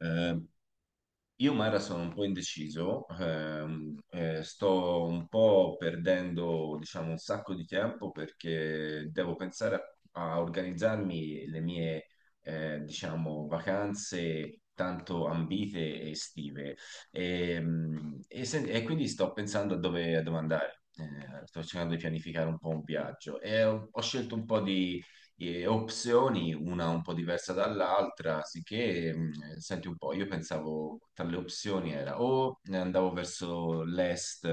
Eh, io Mara sono un po' indeciso, sto un po' perdendo, diciamo, un sacco di tempo perché devo pensare a organizzarmi le mie, diciamo, vacanze tanto ambite e estive. E quindi sto pensando a dove andare. Sto cercando di pianificare un po' un viaggio e ho scelto un po' di opzioni, una un po' diversa dall'altra, sicché, senti un po', io pensavo tra le opzioni era o andavo verso l'est,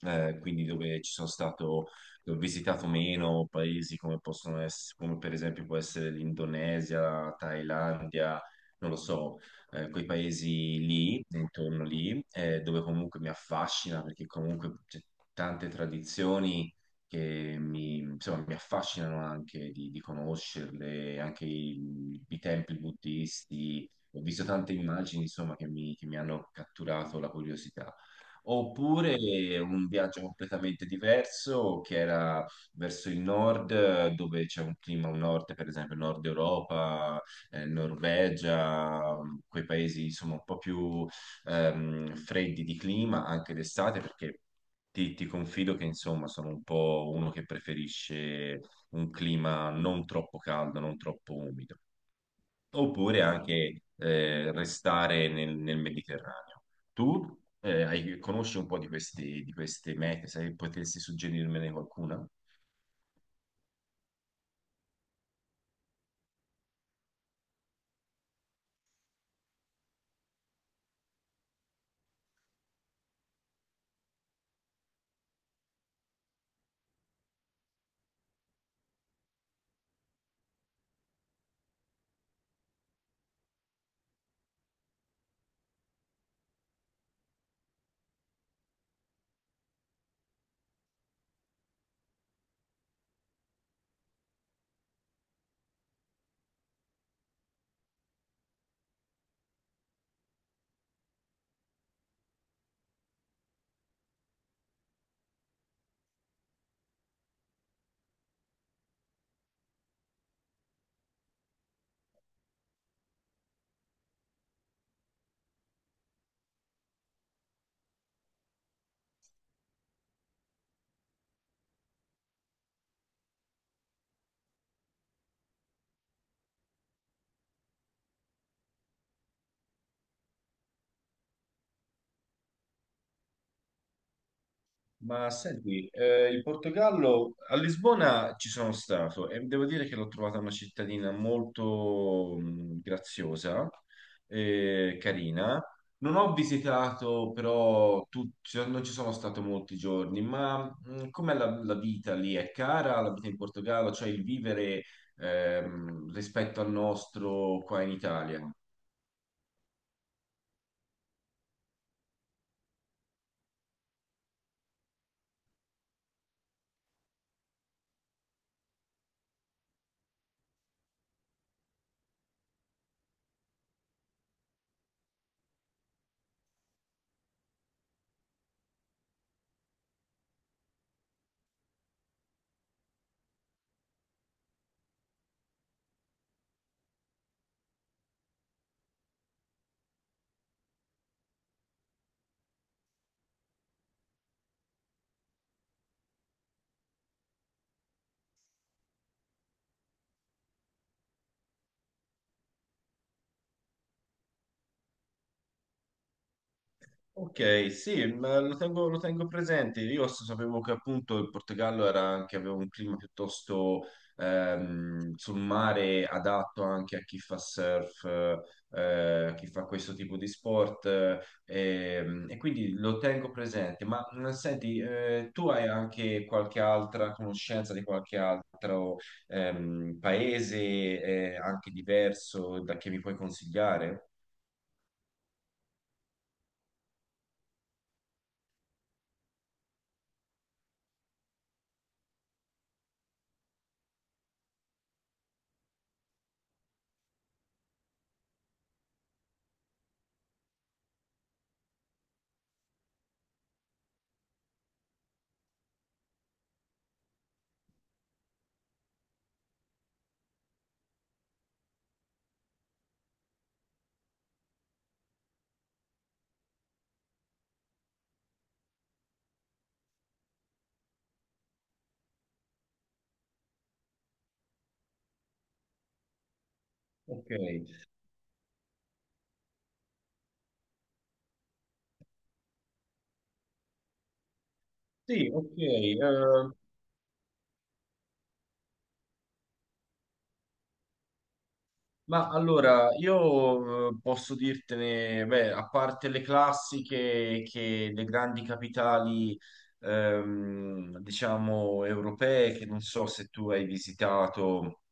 quindi dove ci sono stato, dove ho visitato meno paesi come possono essere, come per esempio può essere l'Indonesia, la Thailandia, non lo so, quei paesi lì, intorno lì, dove comunque mi affascina perché comunque c'è tante tradizioni che mi, insomma, mi affascinano anche di conoscerle, anche i templi buddisti. Ho visto tante immagini, insomma, che mi hanno catturato la curiosità. Oppure un viaggio completamente diverso che era verso il nord, dove c'è un clima, un nord, per esempio, Nord Europa, Norvegia, quei paesi insomma un po' più freddi di clima anche d'estate, perché ti confido che insomma sono un po' uno che preferisce un clima non troppo caldo, non troppo umido oppure anche restare nel Mediterraneo. Tu conosci un po' di di queste mete, se potessi suggerirmene qualcuna? Ma senti, il Portogallo a Lisbona ci sono stato e devo dire che l'ho trovata una cittadina molto graziosa e carina. Non ho visitato però, cioè, non ci sono stato molti giorni, ma com'è la vita lì? È cara la vita in Portogallo, cioè il vivere rispetto al nostro qua in Italia? Ok, sì, ma lo tengo presente. Io sapevo che appunto il Portogallo era anche, aveva un clima piuttosto sul mare adatto anche a chi fa surf, a chi fa questo tipo di sport, quindi lo tengo presente. Ma senti, tu hai anche qualche altra conoscenza di qualche altro paese, anche diverso da che mi puoi consigliare? Ok, sì, ok. Ma allora, io posso dirtene, beh, a parte le classiche che le grandi capitali, diciamo, europee, che non so se tu hai visitato.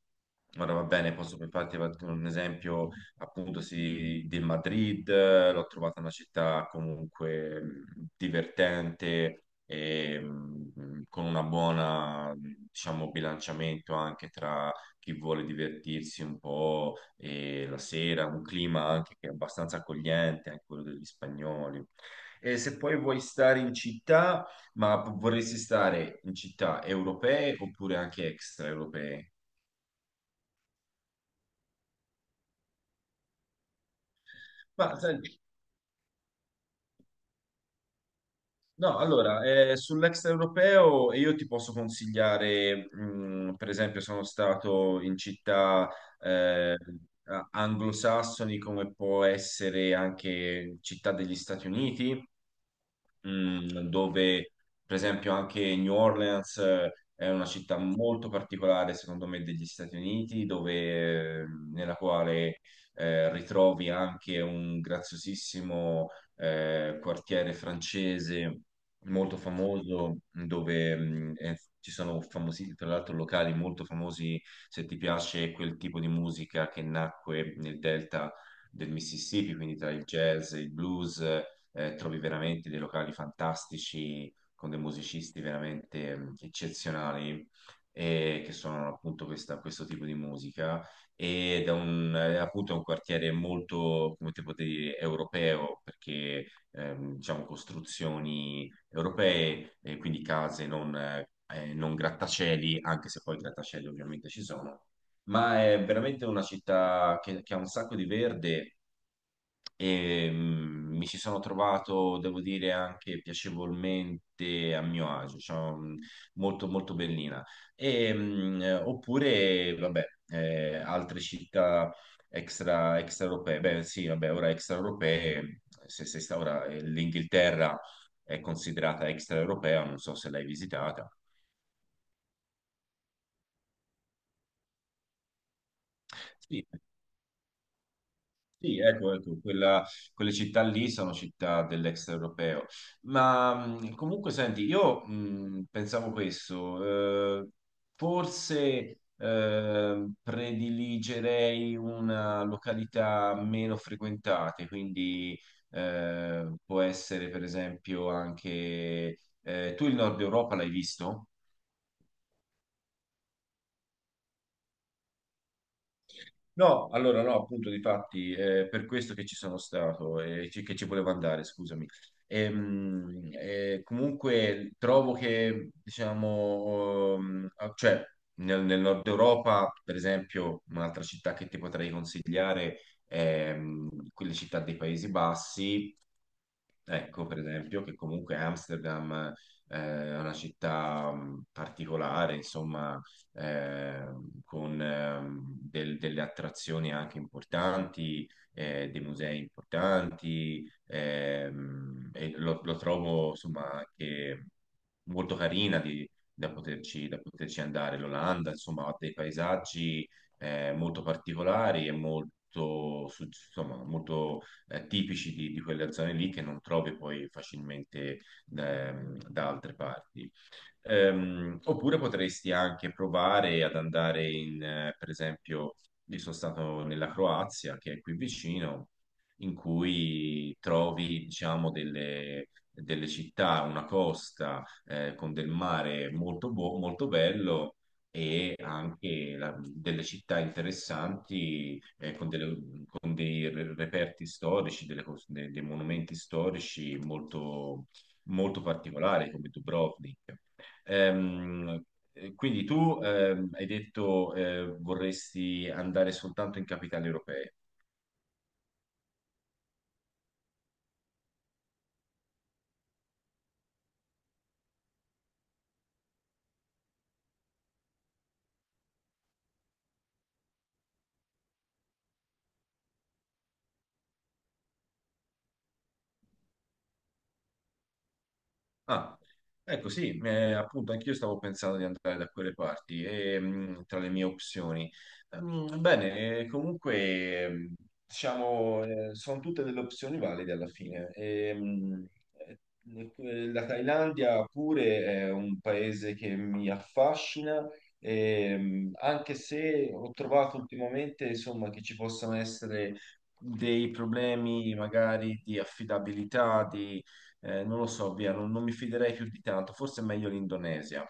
Ora va bene, posso per farti un esempio appunto sì, del Madrid, l'ho trovata una città comunque divertente e con una buona, diciamo, bilanciamento anche tra chi vuole divertirsi un po' e la sera, un clima anche che è abbastanza accogliente, anche quello degli spagnoli. E se poi vuoi stare in città, ma vorresti stare in città europee oppure anche extraeuropee? Ma sai, no, allora, sull'extraeuropeo io ti posso consigliare, per esempio, sono stato in città eh, anglosassoni come può essere anche città degli Stati Uniti, dove per esempio anche New Orleans è una città molto particolare, secondo me, degli Stati Uniti, nella quale ritrovi anche un graziosissimo quartiere francese molto famoso, dove ci sono famosi, tra l'altro, locali molto famosi, se ti piace quel tipo di musica che nacque nel delta del Mississippi, quindi tra il jazz, il blues trovi veramente dei locali fantastici con dei musicisti veramente mm, eccezionali che suonano appunto questo tipo di musica ed è appunto un quartiere molto, come te potevi dire, europeo perché diciamo costruzioni europee, quindi case non grattacieli, anche se poi grattacieli ovviamente ci sono ma è veramente una città che ha un sacco di verde e mi ci sono trovato, devo dire, anche piacevolmente a mio agio, cioè, molto molto bellina. Oppure, vabbè, altre città extraeuropee, beh sì, vabbè, ora extraeuropee, se sta ora l'Inghilterra è considerata extraeuropea, non so se l'hai visitata. Sì, sì, ecco, ecco, quelle città lì sono città dell'extraeuropeo. Ma comunque, senti, io pensavo questo, forse prediligerei una località meno frequentata, quindi può essere per esempio anche... tu il Nord Europa l'hai visto? No, allora no, appunto, difatti, è per questo che ci sono stato e che ci volevo andare, scusami. Comunque trovo che, diciamo, cioè, nel nord Europa, per esempio, un'altra città che ti potrei consigliare è quelle città dei Paesi Bassi. Ecco, per esempio, che comunque Amsterdam eh, è una città particolare, insomma, con delle attrazioni anche importanti, dei musei importanti, e lo trovo, insomma, anche molto carina da poterci andare. L'Olanda, insomma, ha dei paesaggi molto particolari e molto, insomma, molto tipici di quelle zone lì che non trovi poi facilmente da altre parti. Oppure potresti anche provare ad andare in per esempio, io sono stato nella Croazia, che è qui vicino, in cui trovi, diciamo, delle città, una costa con del mare molto, molto bello e anche delle città interessanti con dei reperti storici, dei monumenti storici molto, molto particolari come Dubrovnik. Ehm, quindi tu hai detto vorresti andare soltanto in capitali europee. Ah, ecco sì, appunto anch'io stavo pensando di andare da quelle parti e, tra le mie opzioni. Bene, comunque diciamo sono tutte delle opzioni valide alla fine. Eh, ecco, la Thailandia pure è un paese che mi affascina, anche se ho trovato ultimamente insomma, che ci possano essere dei problemi magari di affidabilità, di non lo so, via, non mi fiderei più di tanto, forse è meglio l'Indonesia.